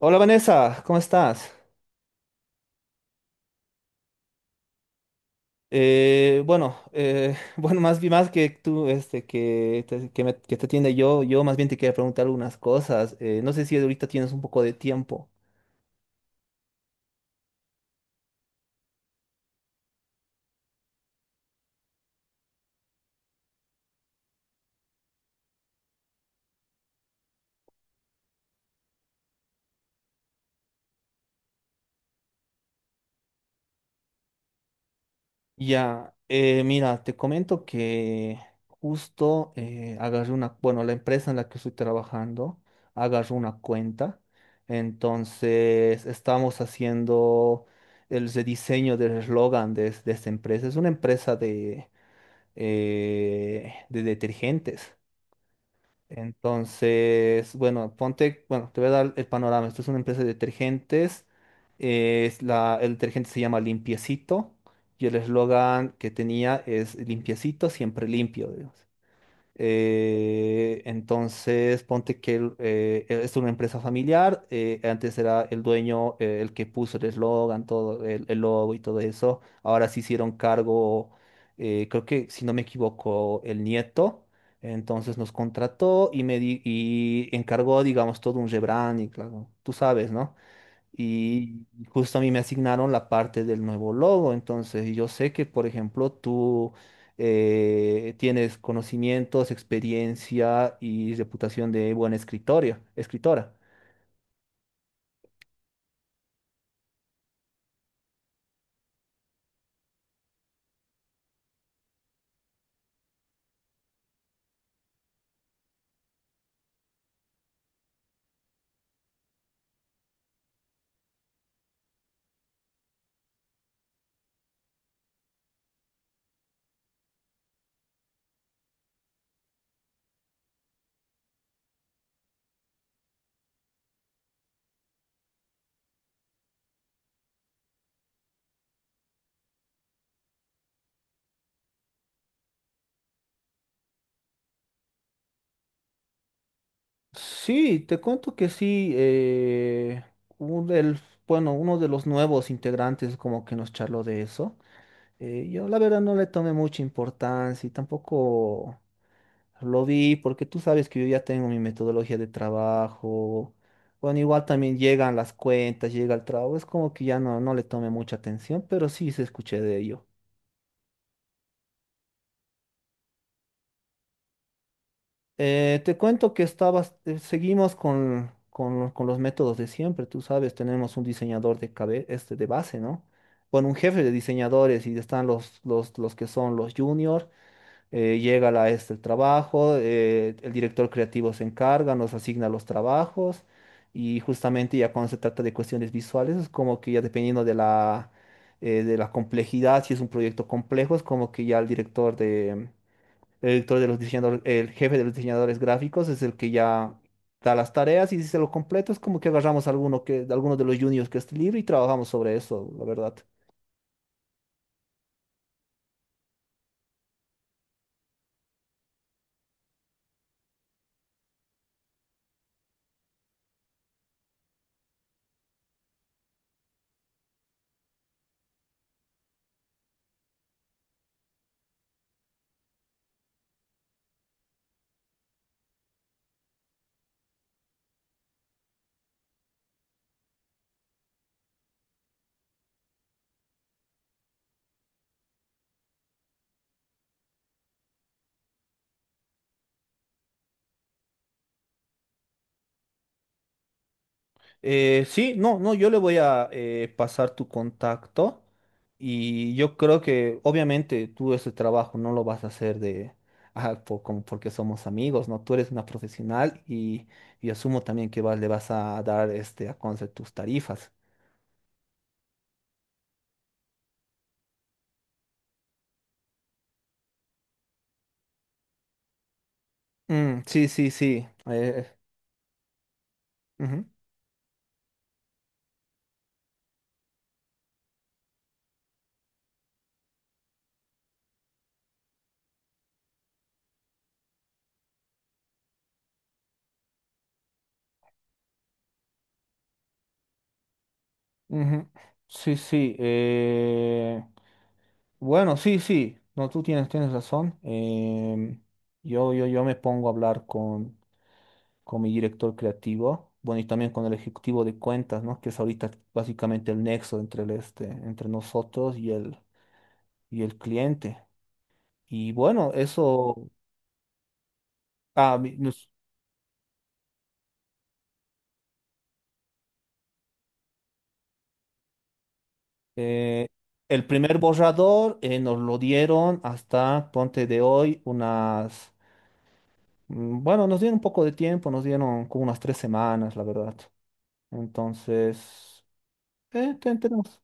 Hola Vanessa, ¿cómo estás? Bueno, bueno, más bien más que tú, este, que te atiende yo más bien te quería preguntar algunas cosas. No sé si ahorita tienes un poco de tiempo. Ya, mira, te comento que justo agarré una, bueno, la empresa en la que estoy trabajando agarró una cuenta. Entonces, estamos haciendo el rediseño del eslogan de esta empresa. Es una empresa de detergentes. Entonces, bueno, ponte, bueno, te voy a dar el panorama. Esto es una empresa de detergentes. Es la, el detergente se llama Limpiecito y el eslogan que tenía es Limpiecito, siempre limpio, digamos. Entonces, ponte que es una empresa familiar. Antes era el dueño, el que puso el eslogan, todo el logo y todo eso. Ahora se hicieron cargo, creo que si no me equivoco, el nieto. Entonces nos contrató y y encargó, digamos, todo un rebranding, claro. Tú sabes, ¿no? Y justo a mí me asignaron la parte del nuevo logo. Entonces, y yo sé que, por ejemplo, tú tienes conocimientos, experiencia y reputación de buena escritoria, escritora. Sí, te cuento que sí. Un- el- bueno, uno de los nuevos integrantes como que nos charló de eso. Yo la verdad no le tomé mucha importancia y tampoco. Lo vi porque tú sabes que yo ya tengo mi metodología de trabajo. Bueno, igual también llegan las cuentas, llega el trabajo. Es como que ya no le tomé mucha atención, pero sí se escuché de ello. Te cuento que estabas, seguimos con los métodos de siempre. Tú sabes, tenemos un diseñador este de base, ¿no? Bueno, un jefe de diseñadores y están los que son los juniors. Llega la este el trabajo, el director creativo se encarga, nos asigna los trabajos y justamente ya cuando se trata de cuestiones visuales es como que ya dependiendo de la complejidad. Si es un proyecto complejo, es como que ya el director de los diseñadores, el jefe de los diseñadores gráficos es el que ya da las tareas, y si se lo completo es como que agarramos alguno de los juniors que esté libre y trabajamos sobre eso, la verdad. Sí, no, no, yo le voy a pasar tu contacto y yo creo que obviamente tú ese trabajo no lo vas a hacer de, como porque somos amigos, ¿no? Tú eres una profesional y asumo también que le vas a dar este, a conocer tus tarifas. Mm, sí. Ujú. Ujú. Sí. Bueno, sí. No, tú tienes, tienes razón. Yo me pongo a hablar con mi director creativo, bueno, y también con el ejecutivo de cuentas, ¿no? Que es ahorita básicamente el nexo entre entre nosotros y y el cliente. Y bueno, eso, ah, mi- nos- eh, el primer borrador, nos lo dieron hasta, ponte de hoy, unas. Mm, bueno, nos dieron un poco de tiempo, nos dieron como unas 3 semanas, la verdad. Entonces, tenemos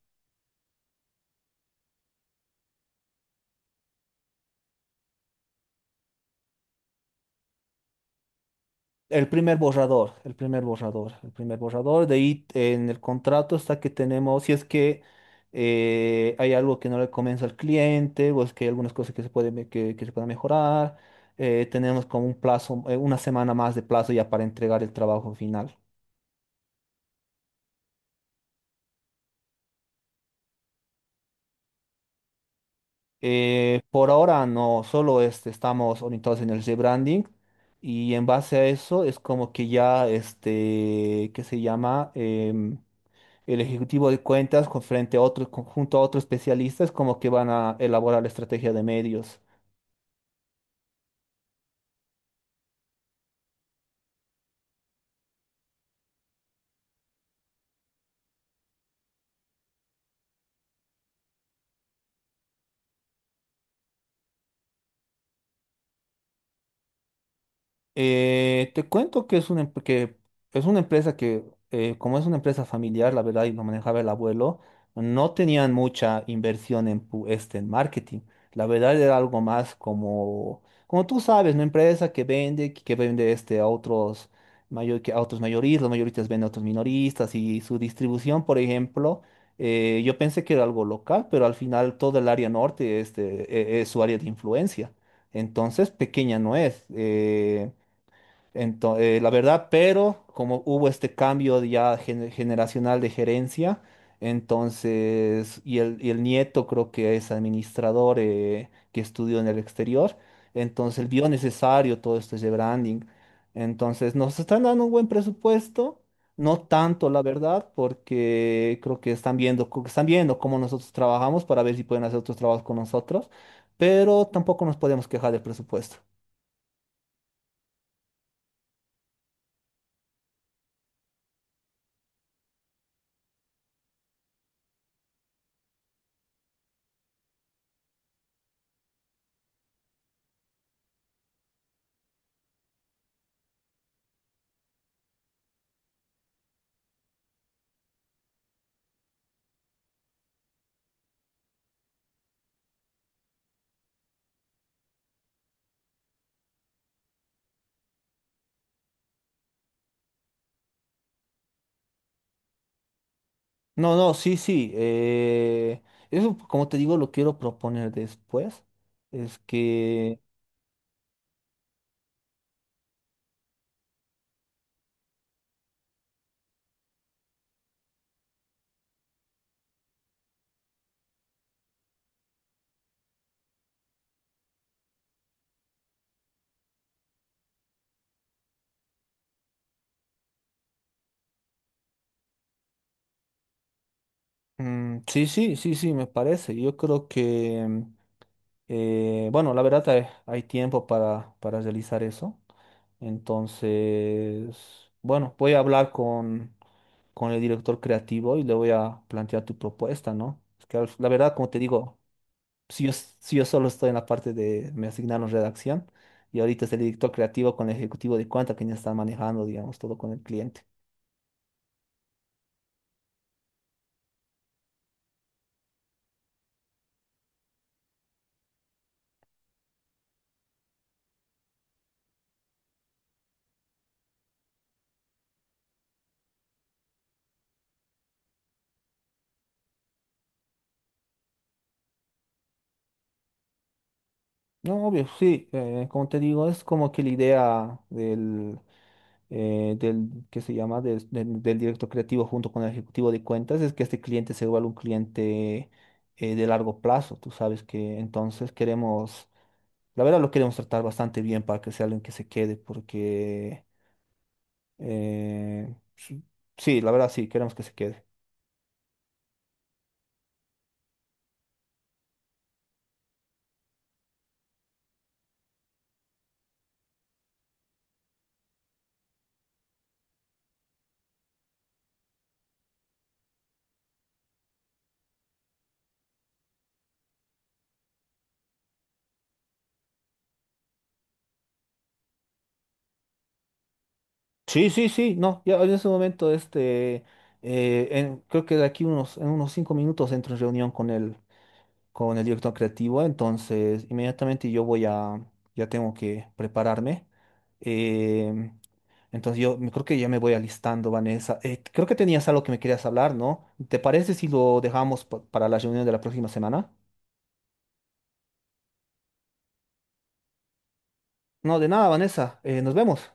el primer borrador, De ahí, en el contrato está que tenemos, si es que hay algo que no le convence al cliente, o es que hay algunas cosas que que se puedan mejorar, tenemos como un plazo, una semana más de plazo ya para entregar el trabajo final. Por ahora no, solo este, estamos orientados en el rebranding y en base a eso es como que ya, este, ¿qué se llama? El ejecutivo de cuentas con frente a otro, conjunto a otros especialistas como que van a elaborar la estrategia de medios. Te cuento que es una, em- que es una empresa que, como es una empresa familiar, la verdad, y lo manejaba el abuelo, no tenían mucha inversión este, en marketing. La verdad era algo más como, como tú sabes, una empresa que vende, que vende este, a otros, mayor, que a otros mayoristas, los mayoristas venden a otros minoristas y su distribución. Por ejemplo, yo pensé que era algo local, pero al final todo el área norte este, es su área de influencia. Entonces, pequeña no es. Entonces, la verdad, pero como hubo este cambio de ya generacional de gerencia, entonces, y el nieto creo que es administrador, que estudió en el exterior, entonces él vio necesario todo esto de branding. Entonces, nos están dando un buen presupuesto, no tanto, la verdad, porque creo que están viendo, están viendo cómo nosotros trabajamos para ver si pueden hacer otros trabajos con nosotros, pero tampoco nos podemos quejar del presupuesto. No, no, sí, sí. Eso, como te digo, lo quiero proponer después. Es que, mm, sí, me parece. Yo creo que, mm, bueno, la verdad hay, hay tiempo para realizar eso. Entonces, bueno, voy a hablar con el director creativo y le voy a plantear tu propuesta, ¿no? Es que la verdad, como te digo, si yo solo estoy en la parte de, me asignaron redacción, y ahorita es el director creativo con el ejecutivo de cuenta quien está manejando, digamos, todo con el cliente. No, obvio, sí, como te digo, es como que la idea del, del que se llama, Des- del, del director creativo junto con el ejecutivo de cuentas es que este cliente se vuelva un cliente de largo plazo. Tú sabes que entonces queremos, la verdad lo queremos tratar bastante bien para que sea alguien que se quede, porque... Eh, s- sí, la verdad sí, queremos que se quede. Sí, no, ya en ese momento, este, creo que de aquí en unos 5 minutos entro en reunión con el director creativo, entonces inmediatamente yo voy a, ya tengo que prepararme. eh, entonces yo creo que ya me voy alistando, Vanessa. Creo que tenías algo que me querías hablar, ¿no? ¿Te parece si lo dejamos para la reunión de la próxima semana? No, de nada, Vanessa, nos vemos.